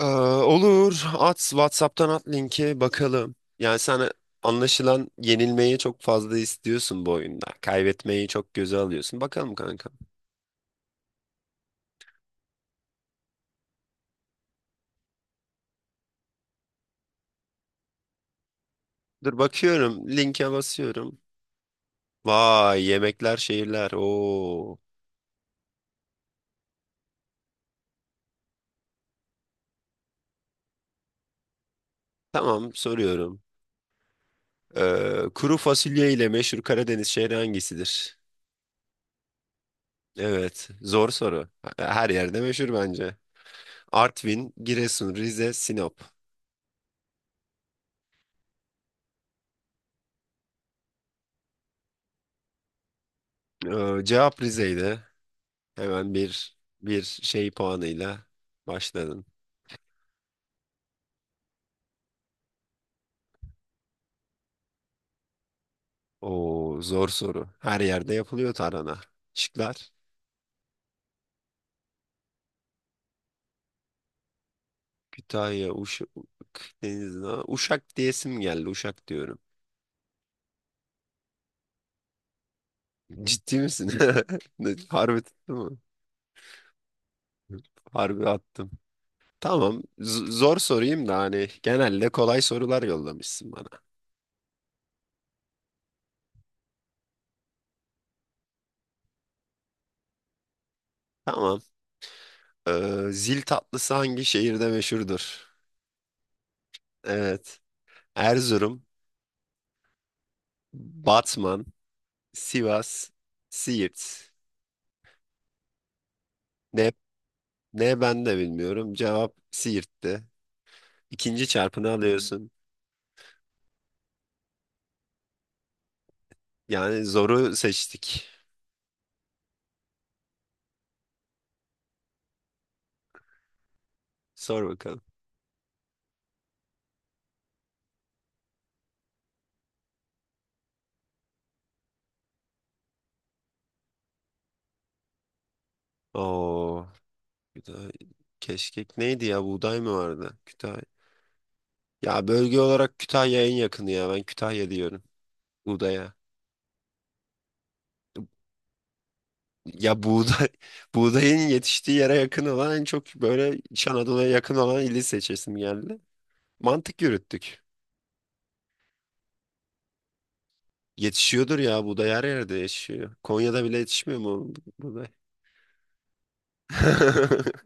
Olur. At WhatsApp'tan at linki bakalım. Yani sen anlaşılan yenilmeyi çok fazla istiyorsun bu oyunda. Kaybetmeyi çok göze alıyorsun. Bakalım kanka. Dur bakıyorum. Linke basıyorum. Vay yemekler şehirler. Oo. Tamam soruyorum. Kuru fasulye ile meşhur Karadeniz şehri hangisidir? Evet. Zor soru. Her yerde meşhur bence. Artvin, Giresun, Rize, Sinop. Cevap Rize'ydi. Hemen bir şey puanıyla başladın. O zor soru. Her yerde yapılıyor tarhana. Şıklar. Kütahya, Uşak, Denizli. Uşak diyesim geldi. Uşak diyorum. Ciddi misin? Ne, harbi tuttu mu? Harbi attım. Tamam. Zor sorayım da hani genelde kolay sorular yollamışsın bana. Tamam. Zil tatlısı hangi şehirde meşhurdur? Evet. Erzurum, Batman, Sivas, Siirt. Ne, ne, ben de bilmiyorum. Cevap Siirt'ti. İkinci çarpını alıyorsun. Yani zoru seçtik. Sor bakalım. Oo, Kütahya. Keşkek neydi ya? Buğday mı vardı? Kütahya. Ya bölge olarak Kütahya en yakını ya. Ben Kütahya diyorum. Buğdaya. Ya buğday, buğdayın yetiştiği yere yakın olan en çok böyle İç Anadolu'ya yakın olan ili seçesim geldi. Mantık yürüttük. Yetişiyordur ya buğday her yerde yetişiyor. Konya'da bile yetişmiyor mu buğday?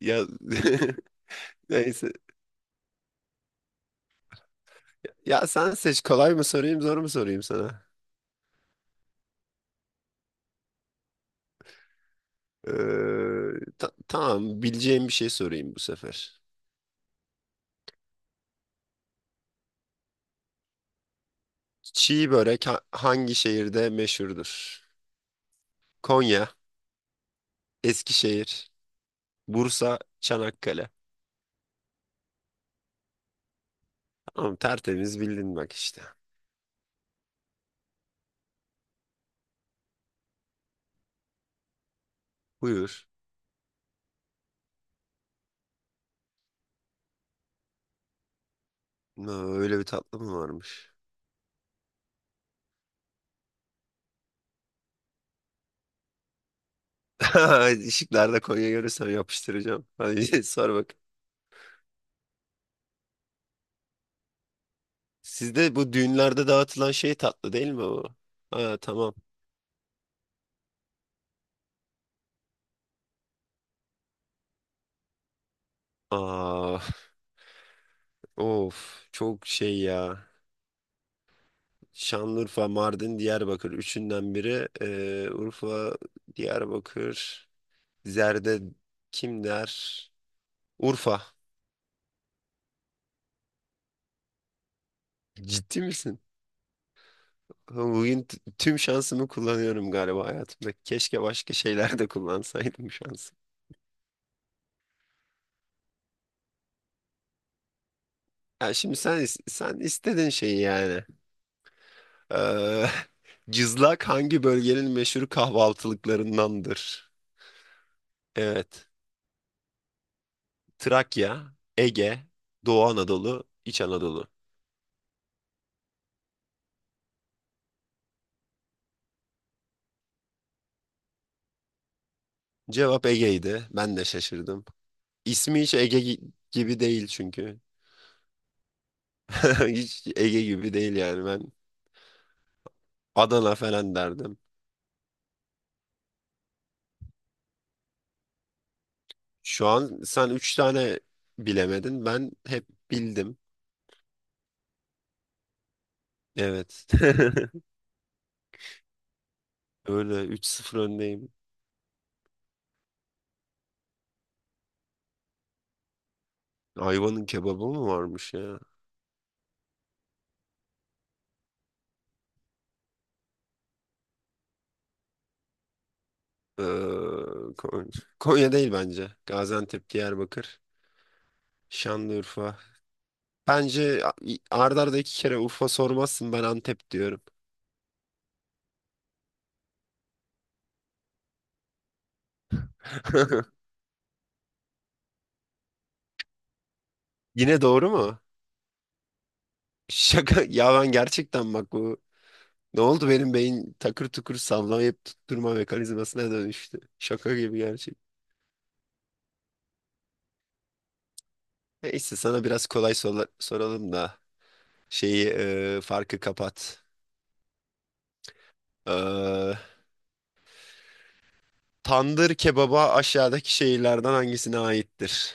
Ya neyse. Ya sen seç kolay mı sorayım zor mu sorayım sana? Ee, tamam bileceğim bir şey sorayım bu sefer. Çiğ börek hangi şehirde meşhurdur? Konya, Eskişehir, Bursa, Çanakkale. Tamam tertemiz bildin bak işte. Buyur. Aa, öyle bir tatlı mı varmış? Işıklarda Konya görürsem yapıştıracağım. Hadi sor bak. Sizde bu düğünlerde dağıtılan şey tatlı değil mi o? Ha, tamam. Aa, of çok şey ya. Şanlıurfa, Mardin, Diyarbakır. Üçünden biri. Urfa, Diyarbakır. Zerde kim der? Urfa. Ciddi misin? Bugün tüm şansımı kullanıyorum galiba hayatımda. Keşke başka şeyler de kullansaydım şansı. Ya şimdi sen sen istedin şeyi yani. Ee, cızlak hangi bölgenin meşhur kahvaltılıklarındandır? Evet. Trakya, Ege, Doğu Anadolu, İç Anadolu. Cevap Ege'ydi. Ben de şaşırdım. İsmi hiç Ege gibi değil çünkü. Hiç Ege gibi değil yani ben Adana falan derdim. Şu an sen üç tane bilemedin. Ben hep bildim. Evet. Öyle üç sıfır öndeyim. Ayva'nın kebabı mı varmış ya? Ee, Kon- Konya değil bence. Gaziantep, Diyarbakır, Şanlıurfa. Bence arda arda iki kere Urfa sormazsın ben Antep diyorum. Yine doğru mu? Şaka ya ben gerçekten bak bu ne oldu benim beyin takır tukur sallamayıp tutturma mekanizmasına dönüştü. Şaka gibi gerçek. Neyse sana biraz kolay soralım da şeyi farkı kapat. E, Tandır kebaba aşağıdaki şehirlerden hangisine aittir?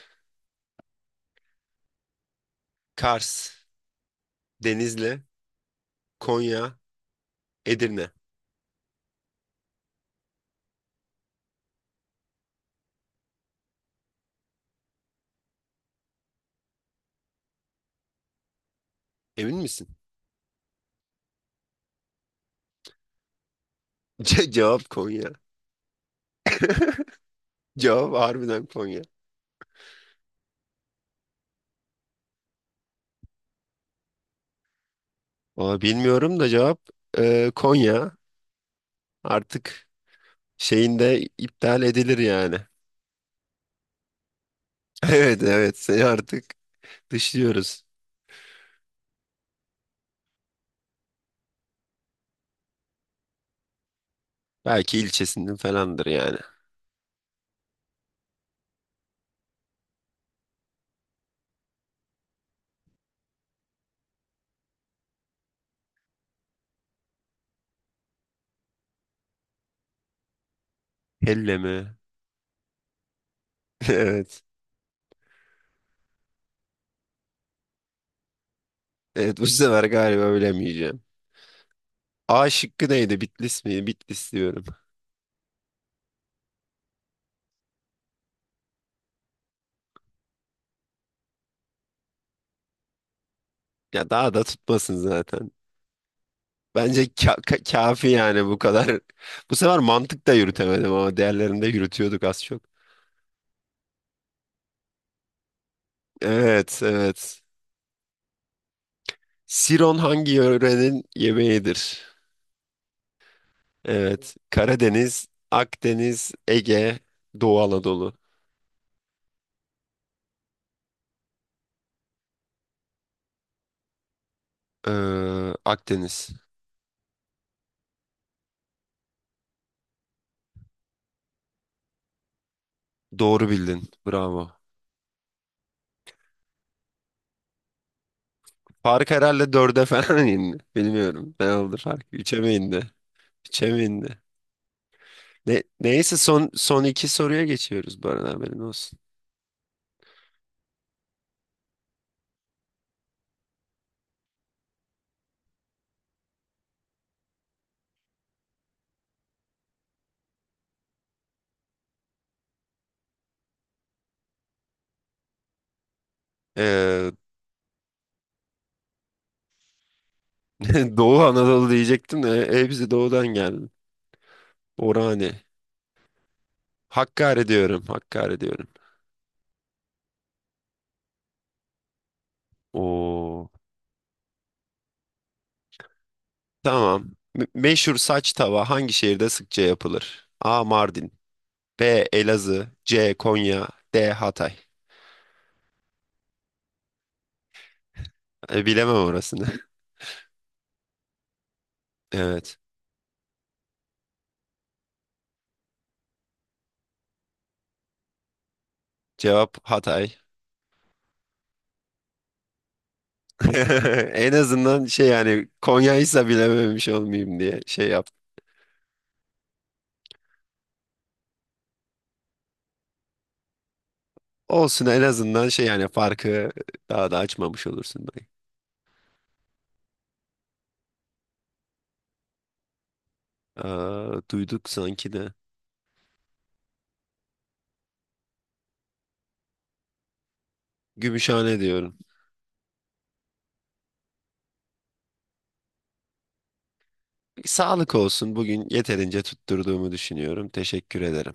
Kars, Denizli, Konya, Edirne. Emin misin? Cevap Konya. Cevap harbiden Konya. Valla bilmiyorum da cevap Konya. Artık şeyinde iptal edilir yani. Evet, evet, seni artık dışlıyoruz. Belki ilçesinden falandır yani. Helle mi? Evet. Evet bu sefer galiba bilemeyeceğim. A şıkkı neydi? Bitlis mi? Bitlis diyorum. Ya daha da tutmasın zaten. Bence kafi yani bu kadar. Bu sefer mantık da yürütemedim ama diğerlerinde yürütüyorduk az çok. Evet, evet. Siron hangi yörenin yemeğidir? Evet. Karadeniz, Akdeniz, Ege, Doğu Anadolu. Ee, Akdeniz. Doğru bildin. Bravo. Fark herhalde dörde falan indi. Bilmiyorum. Ne oldu fark? Üçe mi indi? Üçe mi indi? Neyse son iki soruya geçiyoruz bu arada haberin olsun. Ee, Doğu Anadolu diyecektim de doğudan geldi. Orhane. Hakkari diyorum. Oo. Tamam. Meşhur saç tava hangi şehirde sıkça yapılır? A. Mardin. B. Elazığ. C. Konya. D. Hatay. E, bilemem orasını. Evet. Cevap Hatay. En azından şey yani Konya'ysa bilememiş olmayayım diye şey yaptım. Olsun en azından şey yani farkı daha da açmamış olursun belki. Aa, duyduk sanki de. Gümüşhane diyorum. Sağlık olsun. Bugün yeterince tutturduğumu düşünüyorum. Teşekkür ederim.